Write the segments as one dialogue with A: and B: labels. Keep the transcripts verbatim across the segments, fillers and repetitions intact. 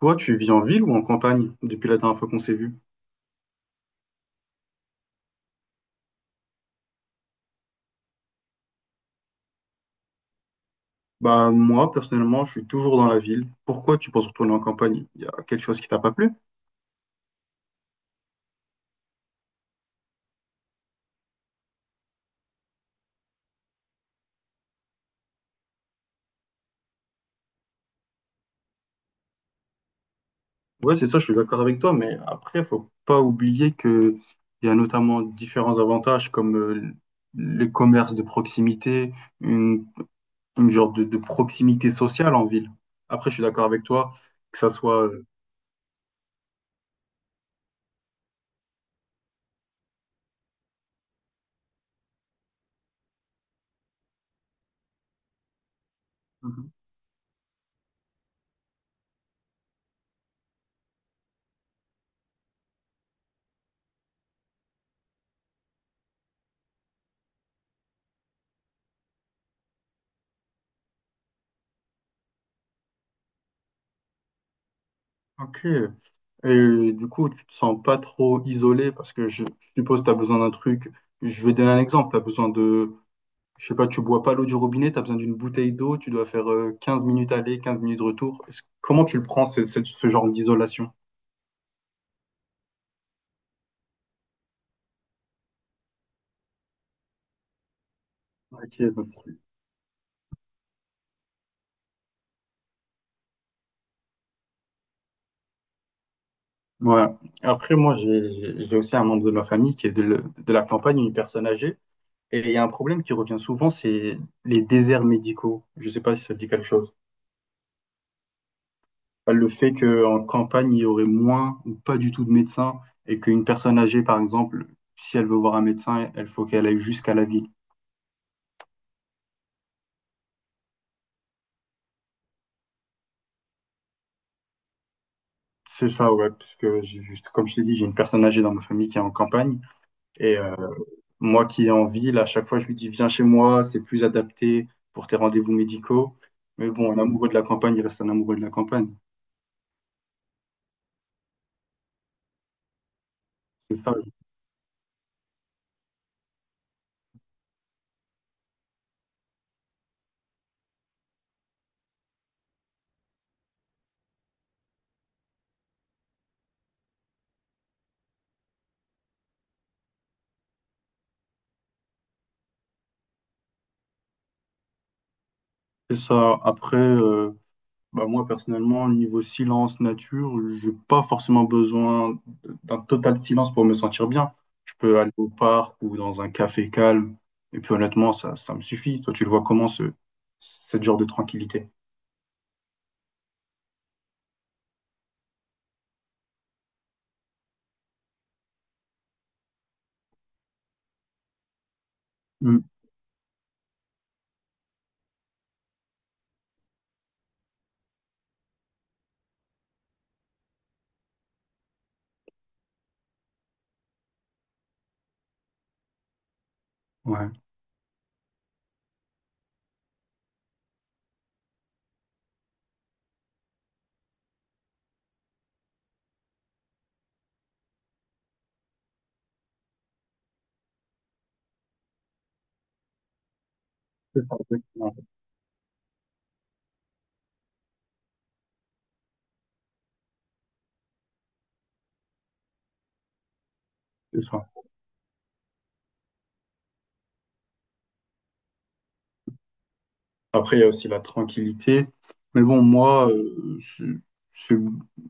A: Toi, tu vis en ville ou en campagne depuis la dernière fois qu'on s'est vu? Bah, moi, personnellement, je suis toujours dans la ville. Pourquoi tu penses retourner en campagne? Il y a quelque chose qui t'a pas plu? Ouais, c'est ça, je suis d'accord avec toi, mais après, faut pas oublier que il y a notamment différents avantages comme euh, le commerce de proximité, une, une genre de, de proximité sociale en ville. Après, je suis d'accord avec toi que ça soit euh, ok. Et du coup, tu te sens pas trop isolé parce que je, je suppose tu as besoin d'un truc. Je vais donner un exemple. Tu as besoin de, je sais pas, tu bois pas l'eau du robinet, tu as besoin d'une bouteille d'eau, tu dois faire euh, quinze minutes aller, quinze minutes retour. Est-ce- comment tu le prends, ce, ce- ce genre d'isolation? Ok, donc, ouais. Après, moi, j'ai j'ai- j'ai aussi un membre de ma famille qui est de, le- de la campagne, une personne âgée. Et il y a un problème qui revient souvent, c'est les déserts médicaux. Je sais pas si ça te dit quelque chose. Le fait qu'en campagne, il y aurait moins ou pas du tout de médecins et qu'une personne âgée, par exemple, si elle veut voir un médecin, elle faut qu'elle aille jusqu'à la ville. C'est ça, ouais, parce que j'ai juste, comme je t'ai dit, j'ai une personne âgée dans ma famille qui est en campagne et euh, moi qui est en ville, à chaque fois, je lui dis, viens chez moi, c'est plus adapté pour tes rendez-vous médicaux. Mais bon, un amoureux de la campagne, il reste un amoureux de la campagne. C'est ça. C'est ça. Après, euh, bah moi, personnellement, niveau silence, nature, j'ai pas forcément besoin d'un total silence pour me sentir bien. Je peux aller au parc ou dans un café calme. Et puis honnêtement, ça, ça me suffit. Toi, tu le vois comment ce, ce genre de tranquillité? Mm. Ouais. C'est ça, exactement. C'est ça. Après, il y a aussi la tranquillité. Mais bon, moi, euh, c'est- c'est-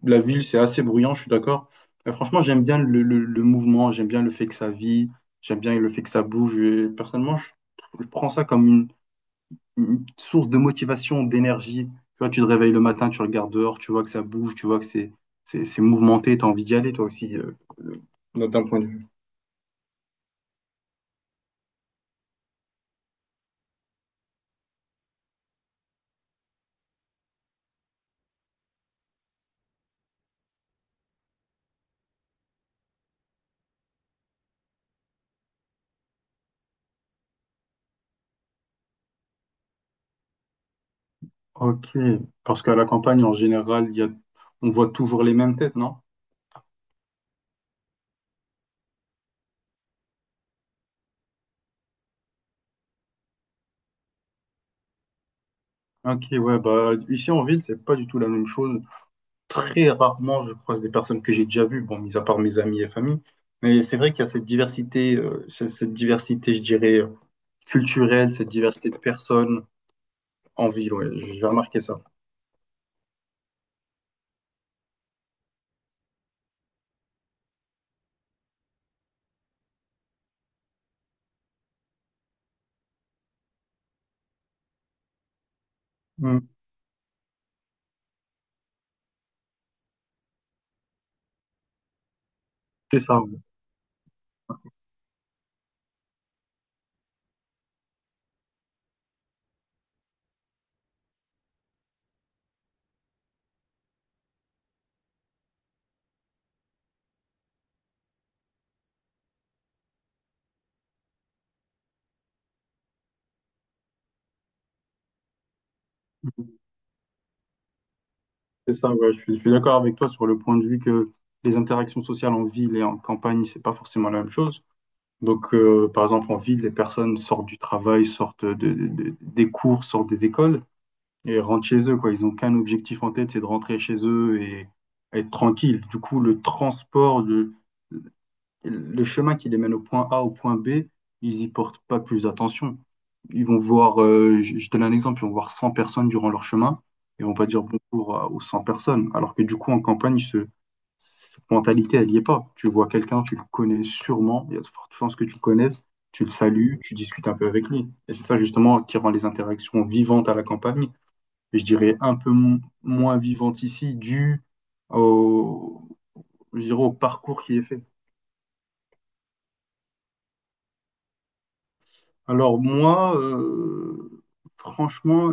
A: la ville, c'est assez bruyant, je suis d'accord. Mais franchement, j'aime bien le, le- le mouvement, j'aime bien le fait que ça vit, j'aime bien le fait que ça bouge. Et personnellement, je, je prends ça comme une, une source de motivation, d'énergie. Tu vois, tu te réveilles le matin, tu regardes dehors, tu vois que ça bouge, tu vois que c'est, c'est, c'est mouvementé, tu as envie d'y aller, toi aussi, euh, euh, d'un point de vue. Ok, parce qu'à la campagne, en général, il y a, on voit toujours les mêmes têtes, non? Ok, ouais, bah ici en ville, c'est pas du tout la même chose. Très rarement, je croise des personnes que j'ai déjà vues, bon, mis à part mes amis et famille. Mais c'est vrai qu'il y a cette diversité, euh, c'est- cette diversité, je dirais, euh, culturelle, cette diversité de personnes en ville, ouais, j'ai remarqué ça. Mm. C'est ça, ouais. C'est ça, ouais, je suis, je suis d'accord avec toi sur le point de vue que les interactions sociales en ville et en campagne, c'est pas forcément la même chose. Donc, euh, par exemple, en ville, les personnes sortent du travail, sortent de- de- de- des cours, sortent des écoles. Et rentrent chez eux, quoi. Ils n'ont qu'un objectif en tête, c'est de rentrer chez eux et être tranquille. Du coup, le transport, le, le chemin qui les mène au point A, au point B, ils y portent pas plus attention. Ils vont voir, euh, je je donne un exemple, ils vont voir cent personnes durant leur chemin et on va dire bonjour à- aux cent personnes. Alors que du coup, en campagne, ce- cette mentalité, elle n'y est pas. Tu vois quelqu'un, tu le connais sûrement, il y a de fortes chances que tu le connaisses, tu le salues, tu discutes un peu avec lui. Et c'est ça justement qui rend les interactions vivantes à la campagne, je dirais, un peu mo- moins vivante ici, due au, je dirais, au parcours qui est fait. Alors moi, euh, franchement,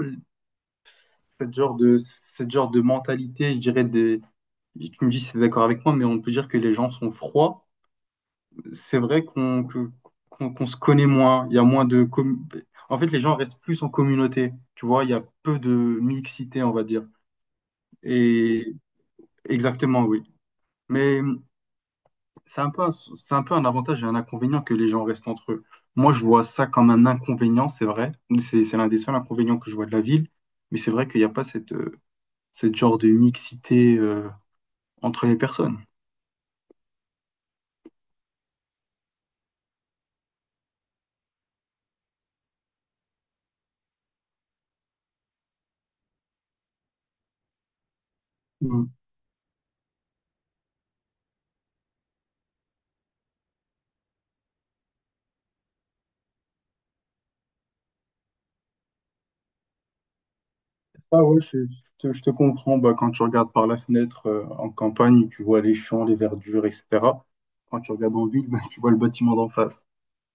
A: cette genre de, cette genre de mentalité, je dirais, des, tu me dis si tu es d'accord avec moi, mais on peut dire que les gens sont froids. C'est vrai qu'on que- qu'on, qu'on se connaît moins, il y a moins de... com- en fait, les gens restent plus en communauté, tu vois, il y a peu de mixité, on va dire. Et exactement, oui. Mais c'est un peu un, c'est un peu un avantage et un inconvénient que les gens restent entre eux. Moi, je vois ça comme un inconvénient, c'est vrai. C'est c'est l'un des seuls inconvénients que je vois de la ville. Mais c'est vrai qu'il n'y a pas cette, euh, cette genre de mixité euh, entre les personnes. Mm. Ah ouais, je, je te, je te comprends. Bah, quand tu regardes par la fenêtre euh, en campagne, tu vois les champs, les verdures, et cetera. Quand tu regardes en ville, bah, tu vois le bâtiment d'en face.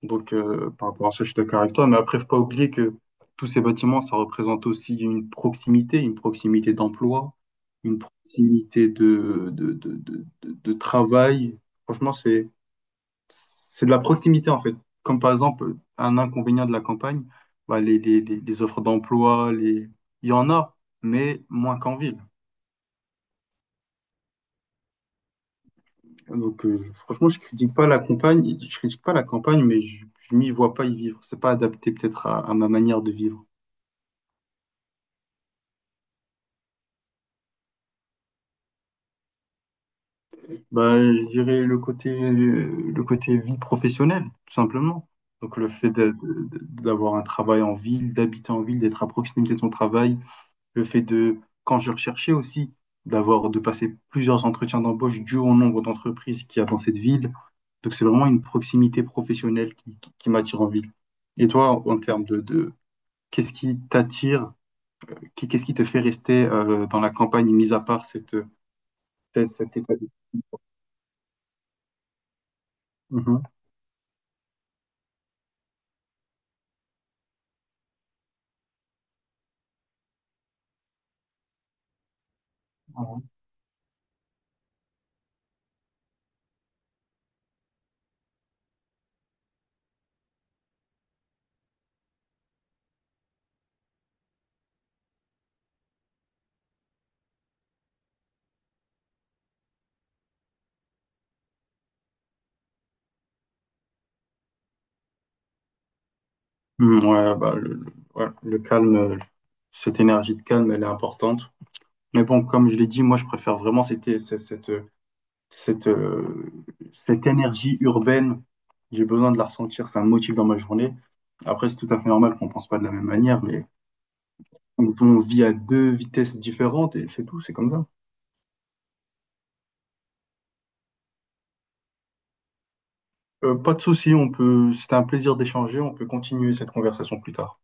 A: Donc, euh, par rapport à ça, je suis d'accord avec toi. Mais après, faut pas oublier que tous ces bâtiments, ça représente aussi une proximité, une proximité d'emploi, une proximité de, de, de, de, de- de travail. Franchement, c'est, c'est de la proximité, en fait. Comme par exemple, un inconvénient de la campagne, bah, les, les, les, les offres d'emploi, les... il y en a, mais moins qu'en ville. Donc, euh, franchement, je critique pas la campagne, je critique pas la campagne, mais je, je m'y vois pas y vivre. C'est pas adapté peut-être à à ma manière de vivre. Bah, je dirais le côté, le côté vie professionnelle, tout simplement. Donc, le fait de- de- de- d'avoir un travail en ville, d'habiter en ville, d'être à proximité de son travail, le fait de, quand je recherchais aussi, d'avoir, de passer plusieurs entretiens d'embauche dû au nombre d'entreprises qu'il y a dans cette ville. Donc, c'est vraiment une proximité professionnelle qui, qui- qui m'attire en ville. Et toi, en termes de, de- qu'est-ce qui t'attire, qu'est-ce qui te fait rester euh, dans la campagne, mis à part cette, cette, cet état d'esprit? Mhm. Mm, ouais, bah, le, le- ouais, le calme, euh, cette énergie de calme, elle est importante. Mais bon, comme je l'ai dit, moi, je préfère vraiment cette, cette, cette, cette, euh, cette énergie urbaine. J'ai besoin de la ressentir, ça me motive dans ma journée. Après, c'est tout à fait normal qu'on pense pas de la même manière, mais on on vit à deux vitesses différentes et c'est tout, c'est comme ça. Euh, pas de souci, on peut, c'était un plaisir d'échanger, on peut continuer cette conversation plus tard.